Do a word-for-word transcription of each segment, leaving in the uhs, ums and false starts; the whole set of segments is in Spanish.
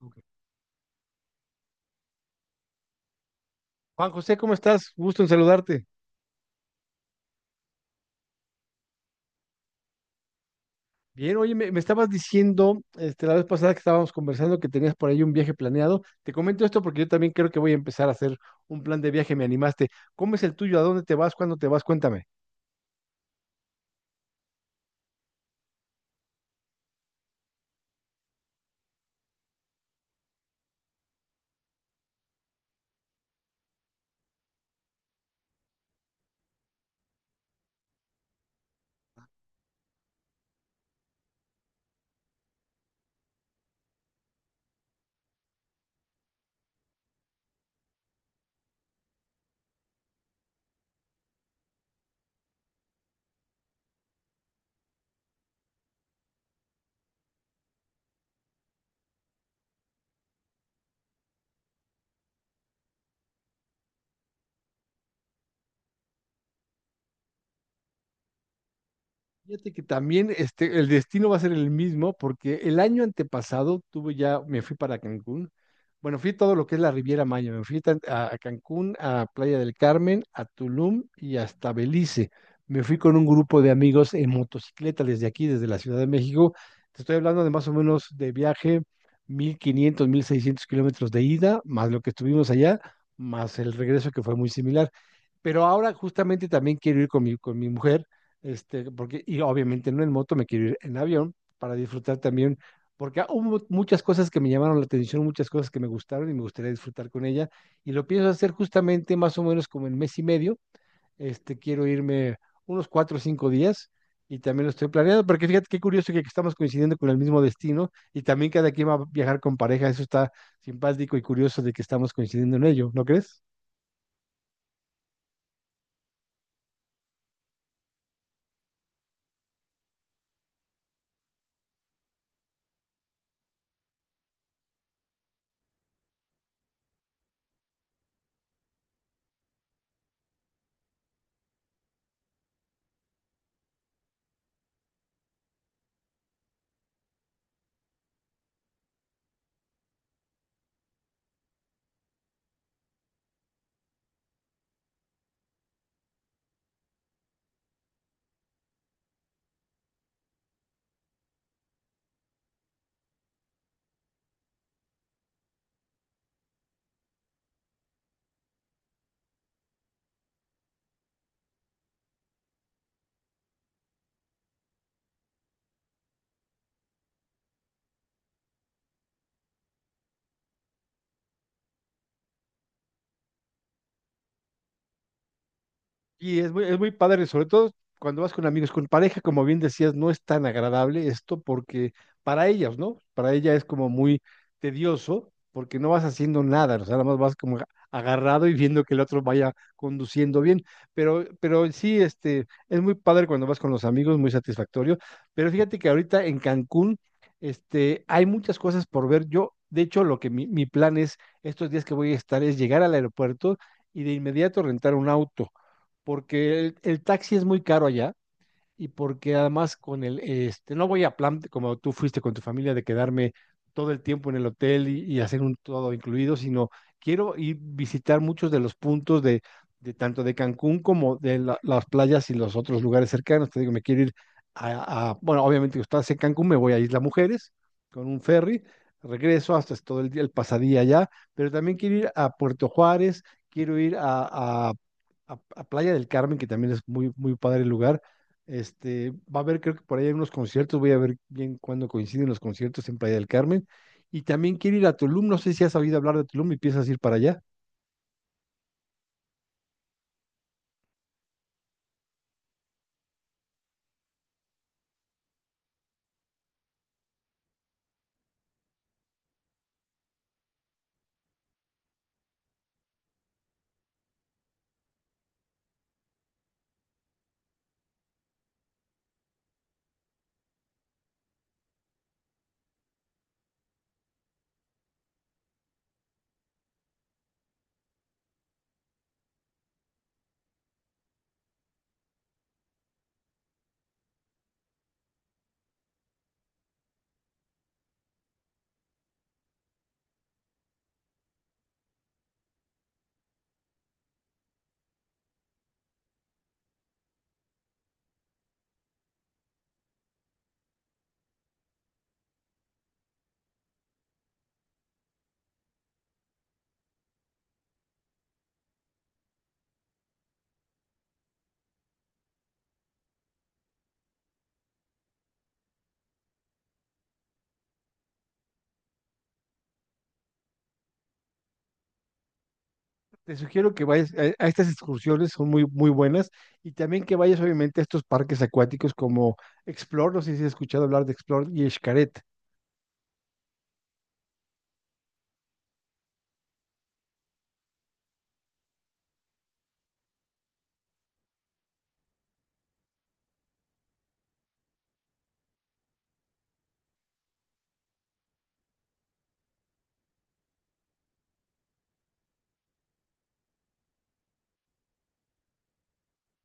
Ok. Juan José, ¿cómo estás? Gusto en saludarte. Bien, oye, me, me estabas diciendo este, la vez pasada que estábamos conversando que tenías por ahí un viaje planeado. Te comento esto porque yo también creo que voy a empezar a hacer un plan de viaje, me animaste. ¿Cómo es el tuyo? ¿A dónde te vas? ¿Cuándo te vas? Cuéntame. Fíjate que también este, el destino va a ser el mismo porque el año antepasado tuve ya, me fui para Cancún. Bueno, fui todo lo que es la Riviera Maya. Me fui tan- a, a Cancún, a Playa del Carmen, a Tulum y hasta Belice. Me fui con un grupo de amigos en motocicleta desde aquí, desde la Ciudad de México. Te estoy hablando de más o menos de viaje mil quinientos mil seiscientos kilómetros de ida, más lo que estuvimos allá, más el regreso que fue muy similar, pero ahora justamente también quiero ir con mi, con mi mujer, este, porque, y obviamente no en moto, me quiero ir en avión para disfrutar también, porque hubo muchas cosas que me llamaron la atención, muchas cosas que me gustaron y me gustaría disfrutar con ella, y lo pienso hacer justamente más o menos como en mes y medio, este, quiero irme unos cuatro o cinco días. Y también lo estoy planeando, porque fíjate qué curioso que estamos coincidiendo con el mismo destino y también cada quien va a viajar con pareja. Eso está simpático y curioso de que estamos coincidiendo en ello, ¿no crees? Y es muy, es muy padre, sobre todo cuando vas con amigos, con pareja, como bien decías. No es tan agradable esto porque para ellas, ¿no? Para ella es como muy tedioso porque no vas haciendo nada, o sea, nada más vas como agarrado y viendo que el otro vaya conduciendo bien, pero, pero sí, este, es muy padre cuando vas con los amigos, muy satisfactorio, pero fíjate que ahorita en Cancún, este, hay muchas cosas por ver. Yo, de hecho, lo que mi, mi plan es, estos días que voy a estar, es llegar al aeropuerto y de inmediato rentar un auto porque el, el taxi es muy caro allá, y porque además con el, este, no voy a plan, como tú fuiste con tu familia, de quedarme todo el tiempo en el hotel y, y hacer un todo incluido, sino quiero ir visitar muchos de los puntos de, de tanto de Cancún como de la- las playas y los otros lugares cercanos. Te digo, me quiero ir a, a- bueno, obviamente estás en Cancún, me voy a Isla Mujeres con un ferry, regreso hasta todo el día, el pasadía allá, pero también quiero ir a Puerto Juárez, quiero ir a, a, a- a Playa del Carmen, que también es muy, muy padre el lugar. Este, va a haber, creo que por ahí hay unos conciertos, voy a ver bien cuándo coinciden los conciertos en Playa del Carmen. Y también quiero ir a Tulum, no sé si has oído hablar de Tulum y piensas ir para allá. Te sugiero que vayas a, a estas excursiones, son muy, muy buenas. Y también que vayas, obviamente, a estos parques acuáticos como Explore, no sé si has escuchado hablar de Explore y Xcaret.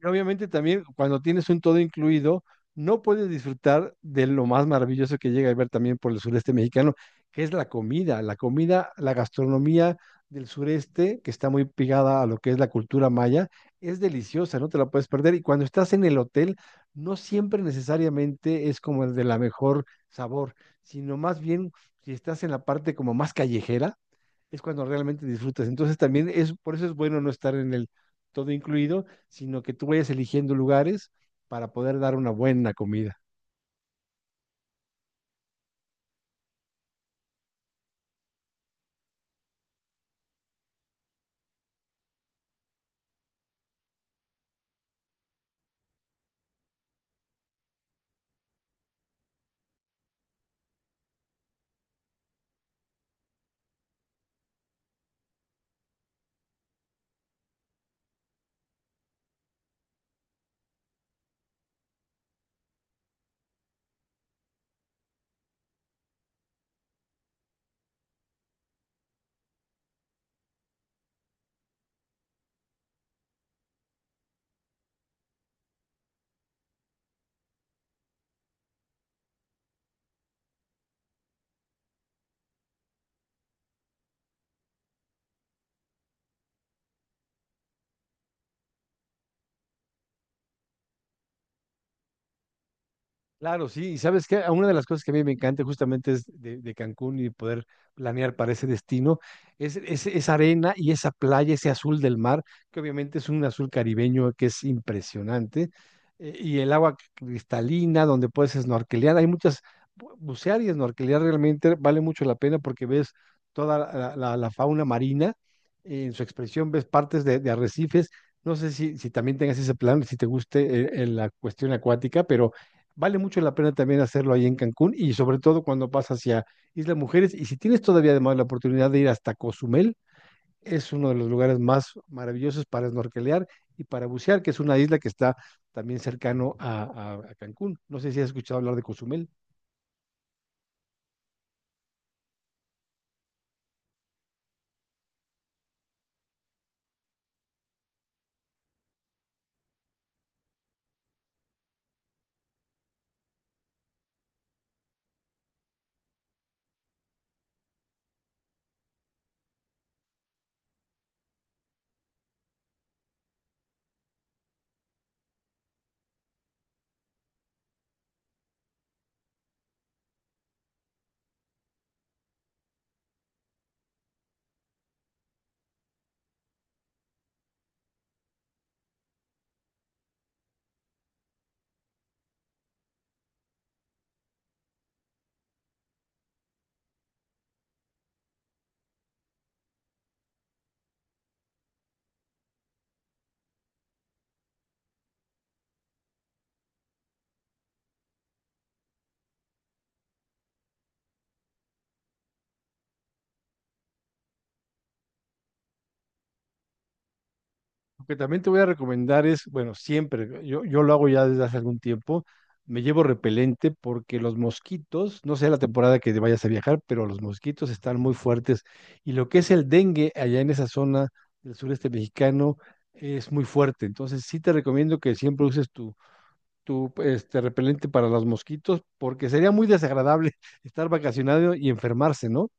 Y obviamente también cuando tienes un todo incluido, no puedes disfrutar de lo más maravilloso que llega a ver también por el sureste mexicano, que es la comida, la comida, la gastronomía del sureste, que está muy pegada a lo que es la cultura maya, es deliciosa, no te la puedes perder. Y cuando estás en el hotel, no siempre necesariamente es como el de la mejor sabor, sino más bien si estás en la parte como más callejera es cuando realmente disfrutas. Entonces también es, por eso es bueno no estar en el todo incluido, sino que tú vayas eligiendo lugares para poder dar una buena comida. Claro, sí, y sabes que una de las cosas que a mí me encanta justamente es de, de Cancún y poder planear para ese destino, es, es- esa arena y esa playa, ese azul del mar, que obviamente es un azul caribeño que es impresionante, eh, y el agua cristalina donde puedes snorkelear, hay muchas, bu- bucear y snorkelear realmente vale mucho la pena porque ves toda la, la- la fauna marina, eh, en su expresión ves partes de, de arrecifes, no sé si, si también tengas ese plan, si te guste eh, eh, la cuestión acuática, pero... Vale mucho la pena también hacerlo ahí en Cancún, y sobre todo cuando vas hacia Isla Mujeres. Y si tienes todavía además la oportunidad de ir hasta Cozumel, es uno de los lugares más maravillosos para snorkelear y para bucear, que es una isla que está también cercano a, a a Cancún. No sé si has escuchado hablar de Cozumel. Lo que también te voy a recomendar es, bueno, siempre, yo, yo lo hago ya desde hace algún tiempo, me llevo repelente porque los mosquitos, no sé la temporada que vayas a viajar, pero los mosquitos están muy fuertes, y lo que es el dengue allá en esa zona del sureste mexicano es muy fuerte. Entonces sí te recomiendo que siempre uses tu, tu este, repelente para los mosquitos, porque sería muy desagradable estar vacacionado y enfermarse, ¿no?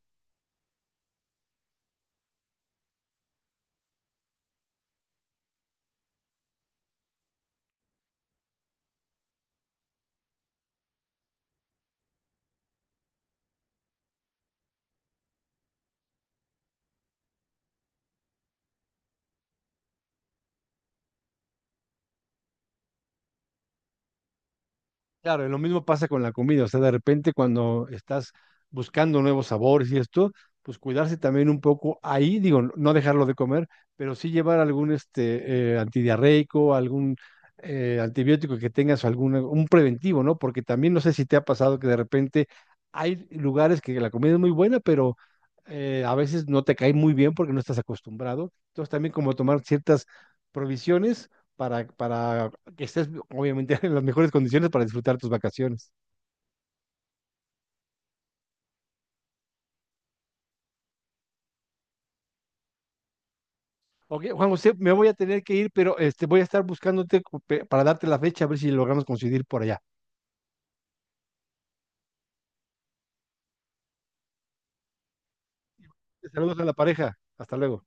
Claro, y lo mismo pasa con la comida, o sea, de repente cuando estás buscando nuevos sabores y esto, pues cuidarse también un poco ahí, digo, no dejarlo de comer, pero sí llevar algún este eh, antidiarreico, algún eh, antibiótico que tengas, algún un preventivo, ¿no? Porque también no sé si te ha pasado que de repente hay lugares que la comida es muy buena, pero eh, a veces no te cae muy bien porque no estás acostumbrado. Entonces también como tomar ciertas provisiones para, para que estés obviamente en las mejores condiciones para disfrutar tus vacaciones. Ok, Juan José, me voy a tener que ir, pero este, voy a estar buscándote cu- pe- para darte la fecha, a ver si logramos coincidir por allá. Saludos a la pareja. Hasta luego.